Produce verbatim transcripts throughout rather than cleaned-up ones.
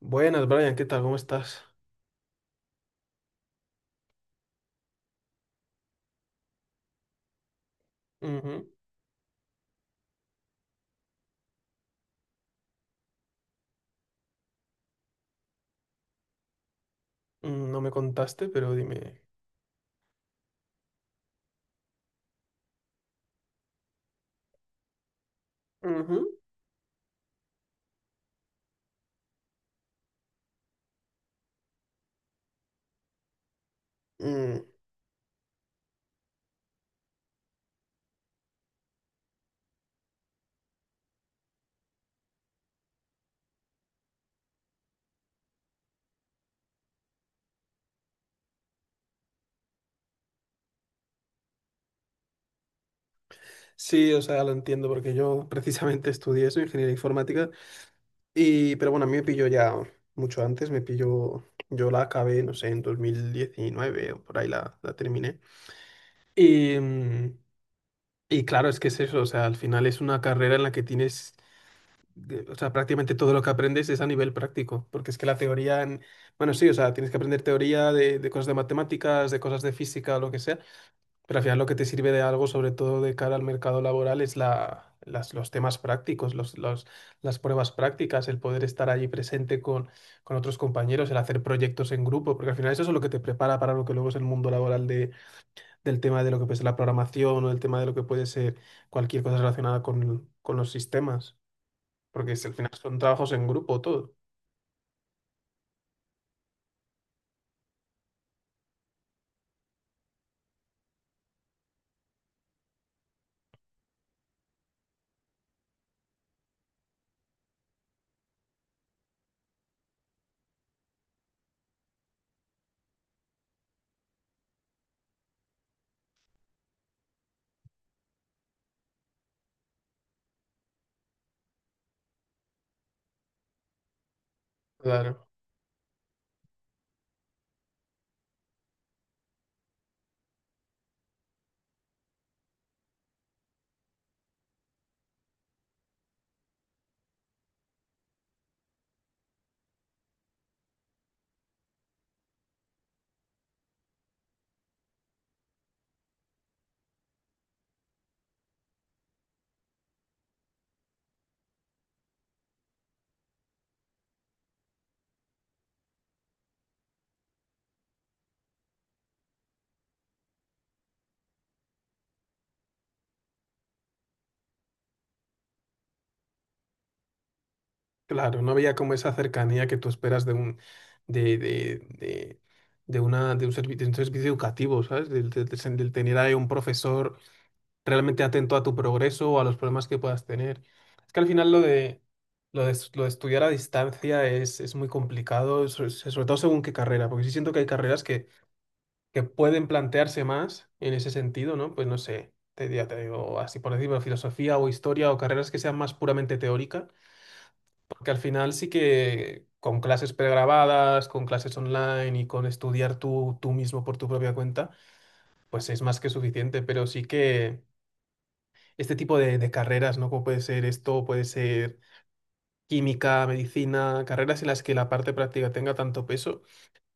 Buenas, Brian, ¿qué tal? ¿Cómo estás? Ujú. Mm, No me contaste, pero dime. Ujú. Mm, Sí, o sea, lo entiendo porque yo precisamente estudié eso, ingeniería informática, y pero bueno, a mí me pilló ya mucho antes, me pilló, yo la acabé, no sé, en dos mil diecinueve o por ahí la, la terminé. Y, mm, y claro, es que es eso, o sea, al final es una carrera en la que tienes de- o sea, prácticamente todo lo que aprendes es a nivel práctico, porque es que la teoría, en- bueno, sí, o sea, tienes que aprender teoría de, de cosas de matemáticas, de cosas de física, lo que sea, pero al final lo que te sirve de algo, sobre todo de cara al mercado laboral, es la, las, los temas prácticos, los, los, las pruebas prácticas, el poder estar allí presente con, con otros compañeros, el hacer proyectos en grupo, porque al final eso es lo que te prepara para lo que luego es el mundo laboral de, del tema de lo que puede ser la programación o el tema de lo que puede ser cualquier cosa relacionada con, con los sistemas. Porque si al final son trabajos en grupo todo. Claro, claro, no había como esa cercanía que tú esperas de un de, de, de, de una de un servicio, de un servicio educativo, ¿sabes? Del, del- del- del tener ahí un profesor realmente atento a tu progreso o a los problemas que puedas tener. Es que al final lo de lo de, es- lo de estudiar a distancia es, es muy complicado, so- so- sobre todo según qué carrera, porque sí siento que hay carreras que que pueden plantearse más en ese sentido, ¿no? Pues no sé, te, ya te digo, así por decirlo, filosofía o historia o carreras que sean más puramente teóricas, porque al final sí que con clases pregrabadas, con clases online y con estudiar tú, tú mismo por tu propia cuenta, pues es más que suficiente, pero sí que este tipo de, de carreras, ¿no? Como puede ser esto, puede ser química, medicina, carreras en las que la parte práctica tenga tanto peso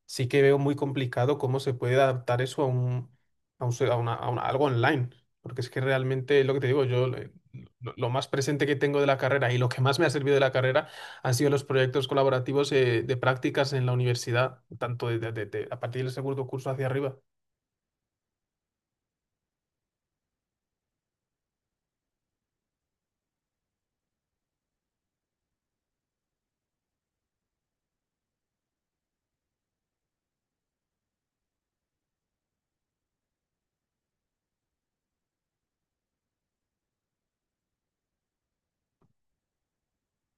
sí que veo muy complicado cómo se puede adaptar eso a un, a un se- a una- a una- algo online, porque es que realmente lo que te digo, yo eh, lo, lo más presente que tengo de la carrera y lo que más me ha servido de la carrera han sido los proyectos colaborativos eh, de prácticas en la universidad, tanto de, de- de- de- a partir del segundo curso hacia arriba.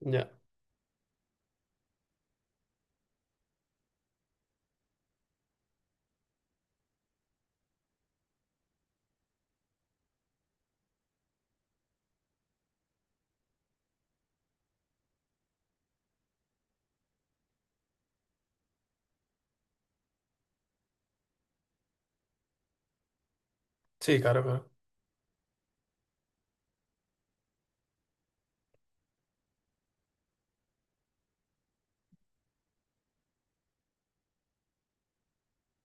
Ya, sí, claro, claro,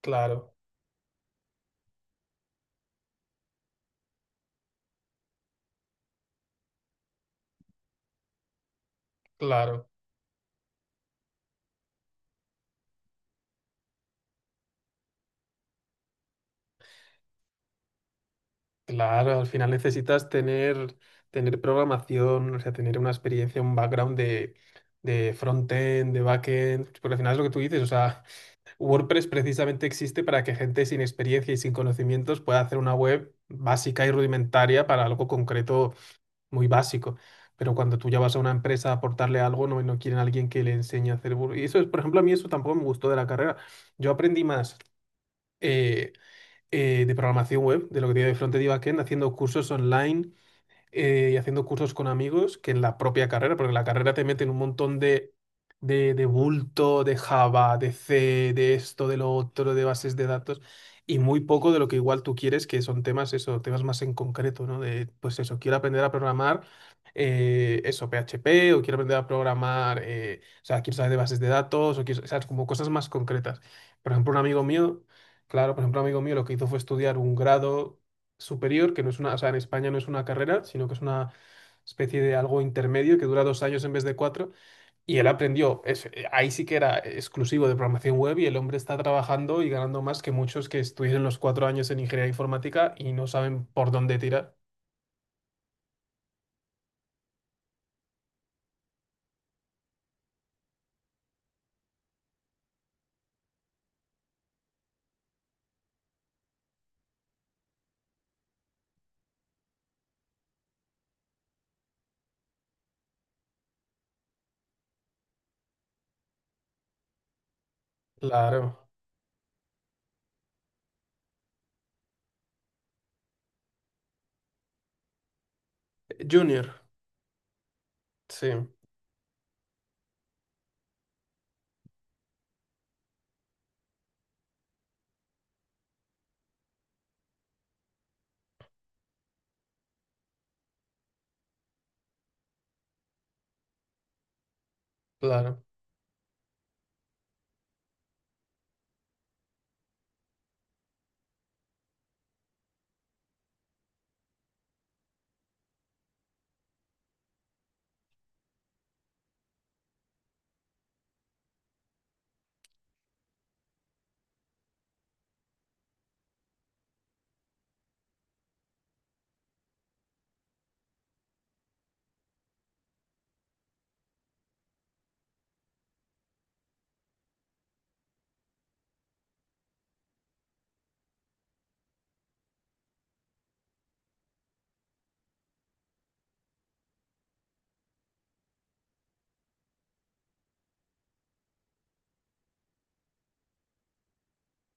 claro, claro, claro. Al final necesitas tener, tener programación, o sea, tener una experiencia, un background de, de front-end, de back-end, porque al final es lo que tú dices, o sea, WordPress precisamente existe para que gente sin experiencia y sin conocimientos pueda hacer una web básica y rudimentaria para algo concreto muy básico. Pero cuando tú ya vas a una empresa a aportarle algo, no, no quieren a alguien que le enseñe a hacer... Word- Y eso es, por ejemplo, a mí eso tampoco me gustó de la carrera. Yo aprendí más eh, eh, de programación web, de lo que tiene de frontend y backend, haciendo cursos online eh, y haciendo cursos con amigos que en la propia carrera, porque en la carrera te meten un montón de, de, de bulto, de Java, de C, de esto, de lo otro, de bases de datos, y muy poco de lo que igual tú quieres, que son temas, eso, temas más en concreto, ¿no? De, pues eso, quiero aprender a programar. Eh, eso, P H P, o quiero aprender a programar, eh, o sea, quiero saber de bases de datos, o quiero, ¿sabes? Como cosas más concretas. Por ejemplo, un amigo mío, claro, por ejemplo, un amigo mío lo que hizo fue estudiar un grado superior, que no es una, o sea, en España no es una carrera, sino que es una especie de algo intermedio que dura dos años en vez de cuatro. Y él aprendió, es- eh, ahí sí que era exclusivo de programación web y el hombre está trabajando y ganando más que muchos que estuvieron los cuatro años en ingeniería informática y no saben por dónde tirar. Claro. Junior, sí, claro.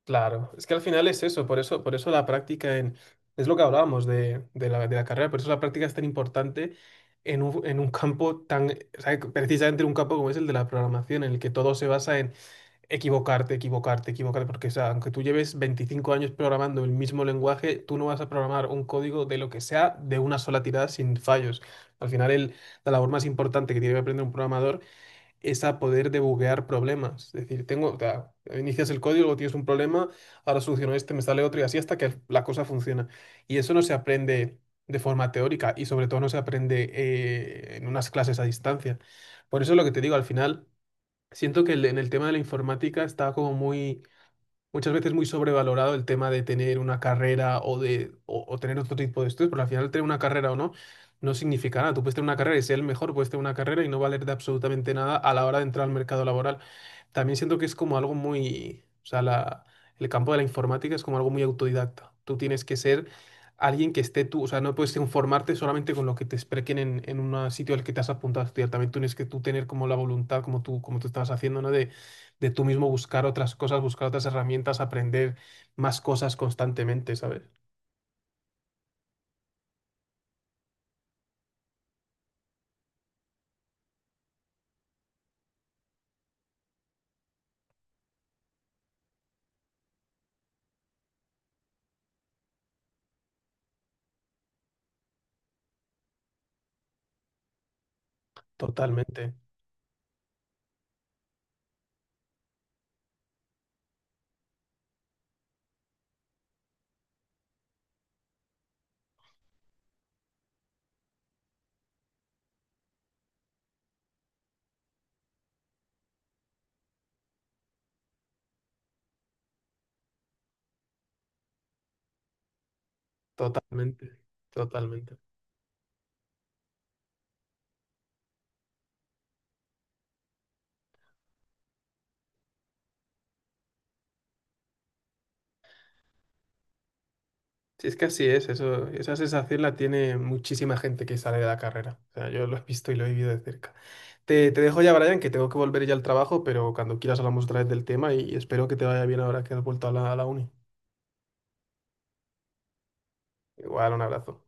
Claro, es que al final es eso, por eso, por eso la práctica en, es lo que hablábamos de, de la, de la carrera, por eso la práctica es tan importante en un, en un campo tan, o sea, precisamente en un campo como es el de la programación, en el que todo se basa en equivocarte, equivocarte, equivocarte, porque o sea, aunque tú lleves veinticinco años programando el mismo lenguaje, tú no vas a programar un código de lo que sea de una sola tirada sin fallos. Al final el- la labor más importante que tiene que aprender un programador es a poder debuguear problemas. Es decir, tengo, o sea, inicias el código, tienes un problema, ahora soluciono este, me sale otro y así hasta que la cosa funciona. Y eso no se aprende de forma teórica y sobre todo no se aprende eh, en unas clases a distancia. Por eso lo que te digo, al final, siento que el- en el tema de la informática está como muy muchas veces muy sobrevalorado el tema de tener una carrera o de o, o tener otro tipo de estudios, pero al final tener una carrera o no no significa nada. Tú puedes tener una carrera y ser el mejor, puedes tener una carrera y no valer de absolutamente nada a la hora de entrar al mercado laboral. También siento que es como algo muy, o sea, la- el campo de la informática es como algo muy autodidacta. Tú tienes que ser alguien que esté tú, o sea, no puedes informarte solamente con lo que te expliquen en, en un sitio al que te has apuntado a estudiar. También tienes que tú tener como la voluntad, como tú, como tú estabas haciendo, ¿no? De tú mismo buscar otras cosas, buscar otras herramientas, aprender más cosas constantemente, ¿sabes? Totalmente, totalmente, totalmente. Sí, es que así es, eso, esa sensación la tiene muchísima gente que sale de la carrera. O sea, yo lo he visto y lo he vivido de cerca. Te, te dejo ya, Brian, que tengo que volver ya al trabajo, pero cuando quieras hablamos otra vez del tema y espero que te vaya bien ahora que has vuelto a la, a la uni. Igual, un abrazo.